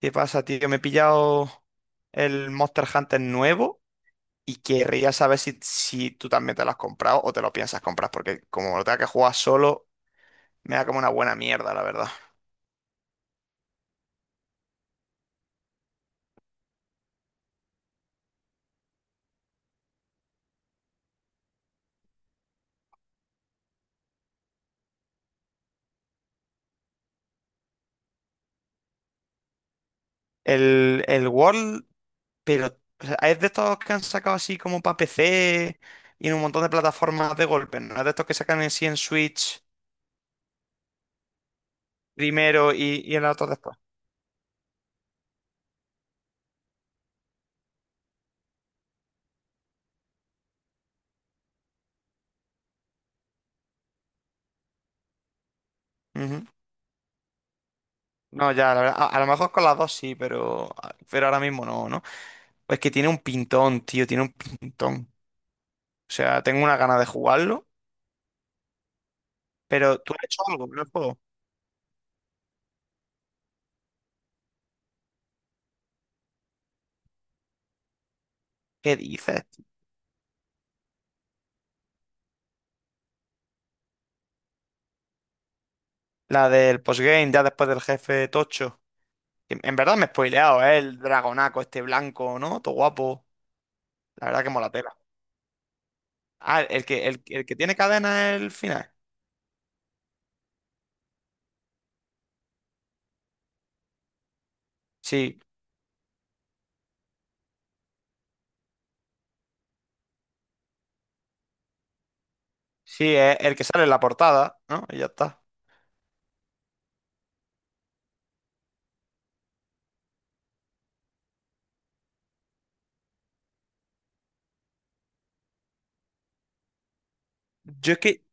¿Qué pasa, tío? Me he pillado el Monster Hunter nuevo y querría saber si tú también te lo has comprado o te lo piensas comprar, porque como lo tenga que jugar solo, me da como una buena mierda, la verdad. El World, pero o sea, es de estos que han sacado así como para PC y en un montón de plataformas de golpe, ¿no? Es de estos que sacan en sí en Switch primero y en la otra después. Ujú. No, ya, la verdad, a lo mejor con las dos sí, pero ahora mismo no, ¿no? Pues que tiene un pintón, tío, tiene un pintón. O sea, tengo una gana de jugarlo, pero tú has hecho algo con el juego. ¿Qué dices? La del postgame, ya después del jefe tocho. En verdad me he spoileado, ¿eh? El dragonaco este blanco, ¿no? Todo guapo. La verdad que mola tela. Ah, el que, el que tiene cadena es el final. Sí, sí, es el que sale en la portada, ¿no? Y ya está. Yo es que,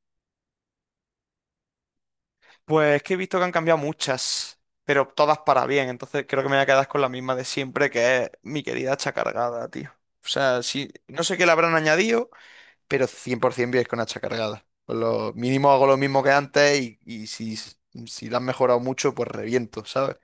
pues es que he visto que han cambiado muchas, pero todas para bien. Entonces creo que me voy a quedar con la misma de siempre, que es mi querida hacha cargada, tío. O sea, sí, no sé qué le habrán añadido. Pero 100% vienes con hacha cargada. Con lo mínimo hago lo mismo que antes y si la han mejorado mucho, pues reviento, ¿sabes?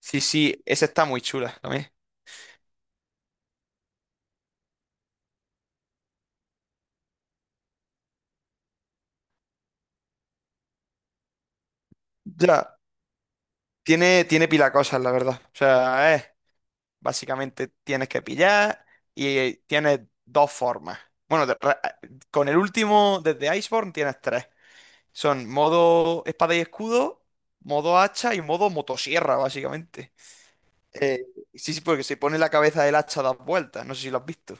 Sí, sí, esa está muy chula también. Ya, tiene pila cosas, la verdad. O sea, es, básicamente tienes que pillar y tienes dos formas. Bueno, con el último, desde Iceborne, tienes tres. Son modo espada y escudo, modo hacha y modo motosierra, básicamente. Eh, Sí, sí, porque se pone la cabeza del hacha a dar vueltas, no sé si lo has visto.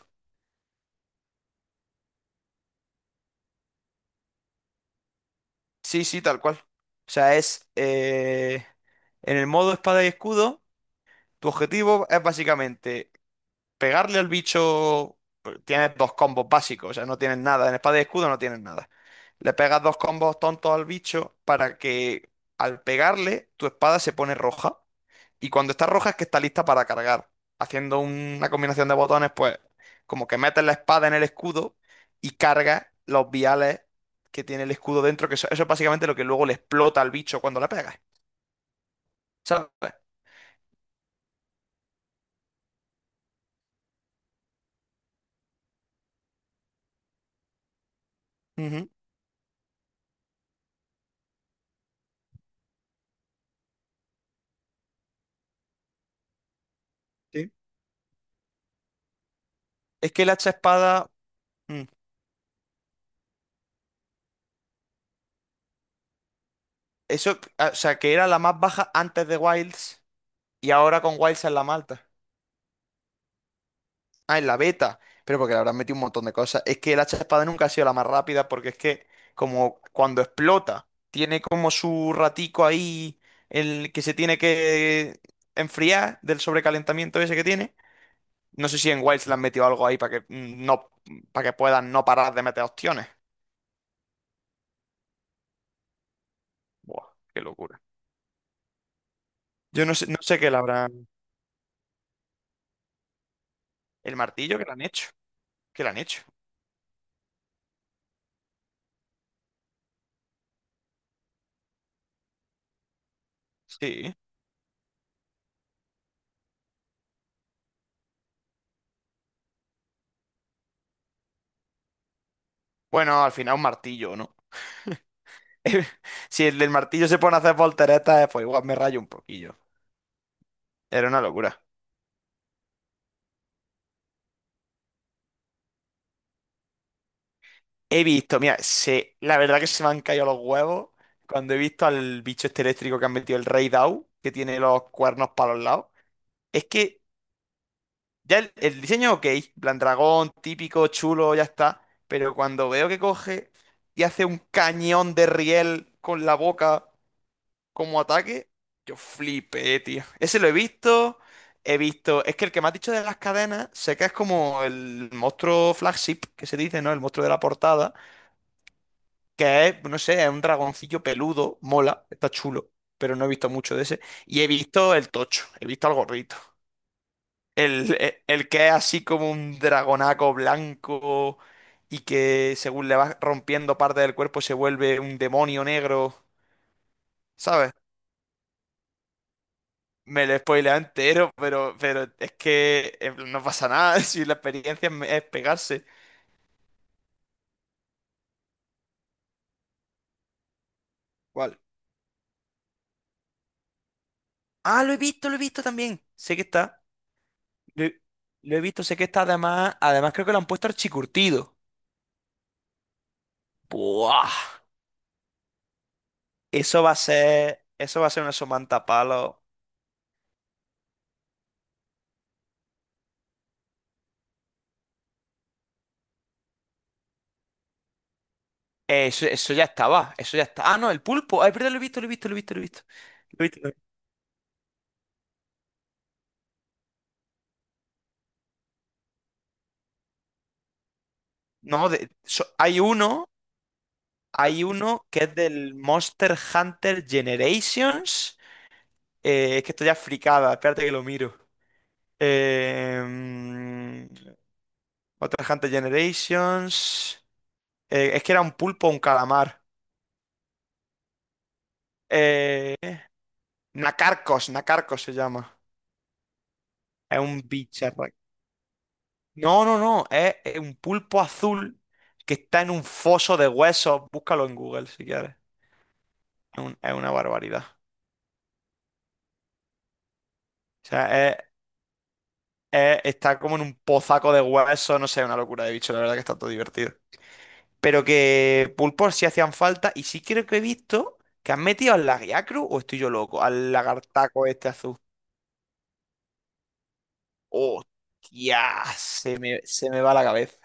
Sí, sí, tal cual. O sea, es en el modo espada y escudo, tu objetivo es básicamente pegarle al bicho. Tienes dos combos básicos, o sea, no tienes nada. En espada y escudo no tienes nada. Le pegas dos combos tontos al bicho para que al pegarle tu espada se pone roja. Y cuando está roja es que está lista para cargar. Haciendo una combinación de botones, pues como que metes la espada en el escudo y cargas los viales que tiene el escudo dentro, que eso es básicamente lo que luego le explota al bicho cuando la pegas. ¿Sabes? Ujú. Sí. Es que el hacha espada. mm, Eso, o sea, que era la más baja antes de Wilds y ahora con Wilds es la más alta. Ah, en la beta. Pero porque le habrán metido un montón de cosas. Es que el hacha de espada nunca ha sido la más rápida porque es que como cuando explota, tiene como su ratico ahí, el que se tiene que enfriar del sobrecalentamiento ese que tiene. No sé si en Wilds le han metido algo ahí para que para que puedan no parar de meter opciones. Buah, qué locura. Yo no sé, no sé qué le habrán. El martillo que le han hecho. ¿Qué le han hecho? Sí. Bueno, al final un martillo, ¿no? Si el del martillo se pone a hacer volteretas, pues igual me rayo un poquillo. Era una locura. He visto, mira, se, la verdad que se me han caído los huevos cuando he visto al bicho este eléctrico que han metido el Rey Dao, que tiene los cuernos para los lados. Es que ya el diseño es ok, en plan dragón, típico, chulo, ya está. Pero cuando veo que coge y hace un cañón de riel con la boca como ataque, yo flipé, tío. Ese lo he visto, he visto. Es que el que me has dicho de las cadenas, sé que es como el monstruo flagship que se dice, ¿no? El monstruo de la portada. Que es, no sé, es un dragoncillo peludo, mola, está chulo, pero no he visto mucho de ese. Y he visto el tocho, he visto al gorrito. El que es así como un dragonaco blanco y que según le vas rompiendo parte del cuerpo se vuelve un demonio negro, ¿sabes? Me lo he spoileado entero, pero es que no pasa nada si la experiencia es pegarse. ¿Cuál? Ah, lo he visto también. Sé que está. Lo he, lo he visto, sé que está además. Además creo que lo han puesto archicurtido. Buah, eso va a ser una somanta palo. Eso, ya estaba, eso ya está. Ah, no, el pulpo. Ay, perdón, lo he visto, lo he visto, lo he visto, lo he visto. Lo he visto, lo he visto. No, hay uno que es del Monster Hunter Generations. Es que estoy ya fricada, espérate que lo miro. Eh, mm, Monster Hunter Generations. Es que era un pulpo o un calamar. Eh, Nacarcos, Nacarcos se llama. Es un bicho. No, no, no, es un pulpo azul que está en un foso de huesos. Búscalo en Google si quieres. Es, es una barbaridad. O sea, está como en un pozaco de huesos, no sé, una locura de bicho, la verdad que está todo divertido. Pero que pulpos sí hacían falta y sí creo que he visto que han metido al lagriacru o estoy yo loco, al lagartaco este azul. ¡Hostia! Se me va la cabeza.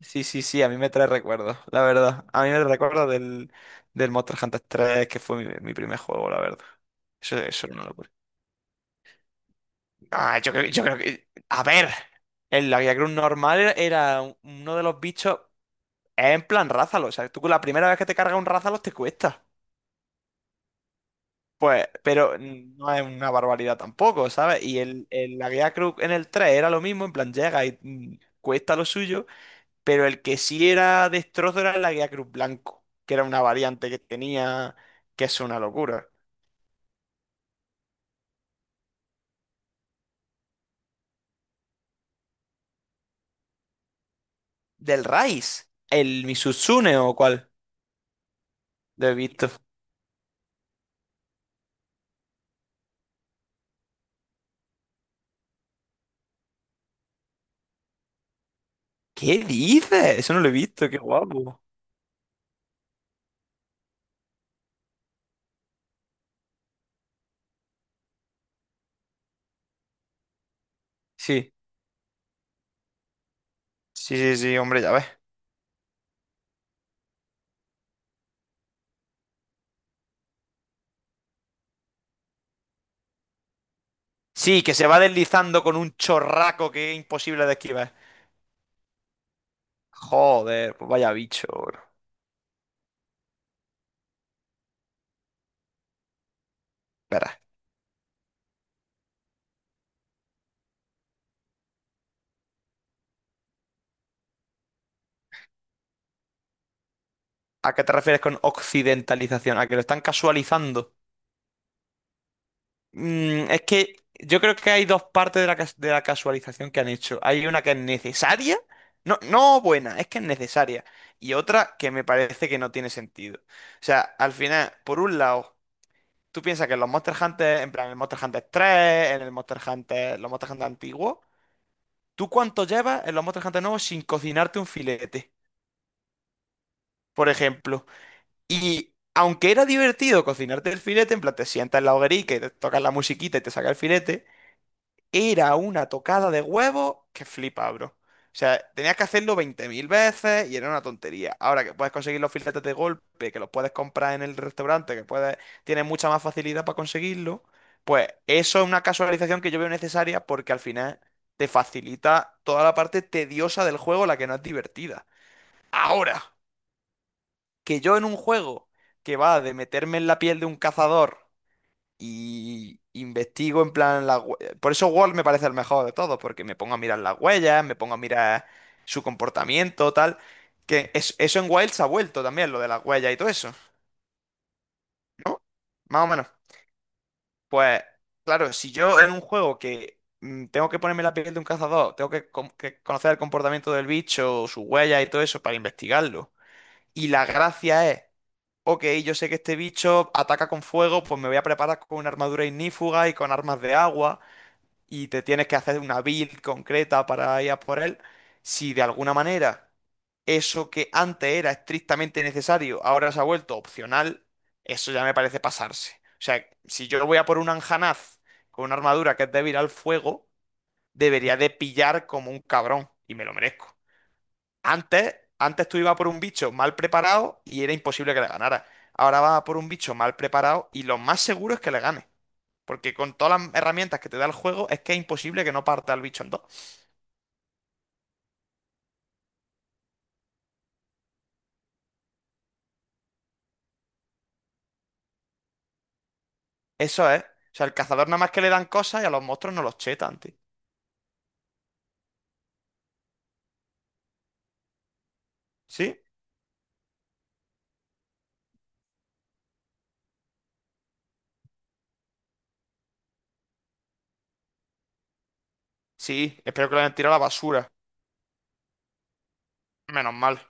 Sí, sí, sí, a mí me trae recuerdos, la verdad. A mí me recuerda del, del Monster Hunter 3, que fue mi primer juego, la verdad. Eso era una locura. Ah, yo creo que. A ver, el Lavia Cruz normal era uno de los bichos. Es en plan rázalos. O sea, tú con la primera vez que te cargas un rázalos te cuesta. Pues, pero no es una barbaridad tampoco, ¿sabes? Y la Guía Cruz en el 3 era lo mismo, en plan llega y cuesta lo suyo. Pero el que sí era destrozo era la guía Cruz Blanco, que era una variante que tenía, que es una locura. Del Rice, el Misutsune o cuál, lo he visto. ¿Qué dices? Eso no lo he visto, qué guapo. Sí, sí, sí, sí, hombre, ya ves. Sí, que se va deslizando con un chorraco que es imposible de esquivar. Joder, pues vaya bicho, bro. Espera, ¿a qué te refieres con occidentalización? ¿A que lo están casualizando? Es que yo creo que hay dos partes de la, de la casualización que han hecho. Hay una que es necesaria, no, no buena, es que es necesaria. Y otra que me parece que no tiene sentido. O sea, al final, por un lado, tú piensas que en los Monster Hunter, en plan, en el Monster Hunter 3, en el Monster Hunter, los Monster Hunter antiguos, ¿tú cuánto llevas en los Monster Hunter nuevos sin cocinarte un filete? Por ejemplo. Y aunque era divertido cocinarte el filete, en plan, te sientas en la hoguerica y te tocas la musiquita y te saca el filete. Era una tocada de huevo que flipa, bro. O sea, tenías que hacerlo 20.000 veces y era una tontería. Ahora que puedes conseguir los filetes de golpe, que los puedes comprar en el restaurante, que puedes, tienes mucha más facilidad para conseguirlo, pues eso es una casualización que yo veo necesaria porque al final te facilita toda la parte tediosa del juego, la que no es divertida. Ahora, que yo en un juego que va de meterme en la piel de un cazador y investigo en plan Por eso Word me parece el mejor de todos, porque me pongo a mirar las huellas, me pongo a mirar su comportamiento, tal. Eso en Wild se ha vuelto también, lo de las huellas y todo eso, ¿no? Más o menos. Pues claro, si yo en un juego que tengo que ponerme la piel de un cazador, tengo que, que conocer el comportamiento del bicho, sus huellas y todo eso para investigarlo. Y la gracia es... Ok, yo sé que este bicho ataca con fuego, pues me voy a preparar con una armadura ignífuga y con armas de agua. Y te tienes que hacer una build concreta para ir a por él, si de alguna manera eso que antes era estrictamente necesario ahora se ha vuelto opcional, eso ya me parece pasarse. O sea, si yo voy a por un Anjanaz con una armadura que es débil al fuego, debería de pillar como un cabrón y me lo merezco. Antes tú ibas por un bicho mal preparado y era imposible que le ganara. Ahora vas a por un bicho mal preparado y lo más seguro es que le gane. Porque con todas las herramientas que te da el juego, es que es imposible que no parta el bicho en dos. Eso es. O sea, el cazador nada más que le dan cosas y a los monstruos no los chetan, tío. ¿Sí? Sí, espero que lo hayan tirado a la basura. Menos mal.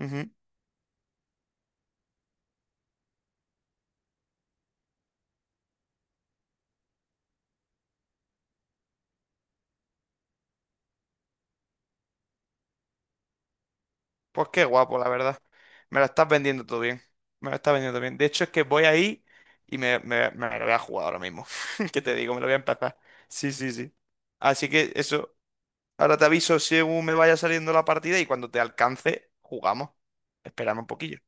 Ujú. Pues qué guapo, la verdad. Me lo estás vendiendo todo bien. Me lo estás vendiendo bien. De hecho, es que voy ahí y me lo voy a jugar ahora mismo. ¿Qué te digo? Me lo voy a empezar. Sí, sí, sí. Así que eso. Ahora te aviso según me vaya saliendo la partida y cuando te alcance, jugamos. Espérame un poquillo.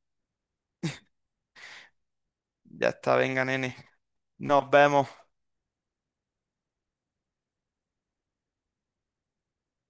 Ya está, venga, nene. Nos vemos.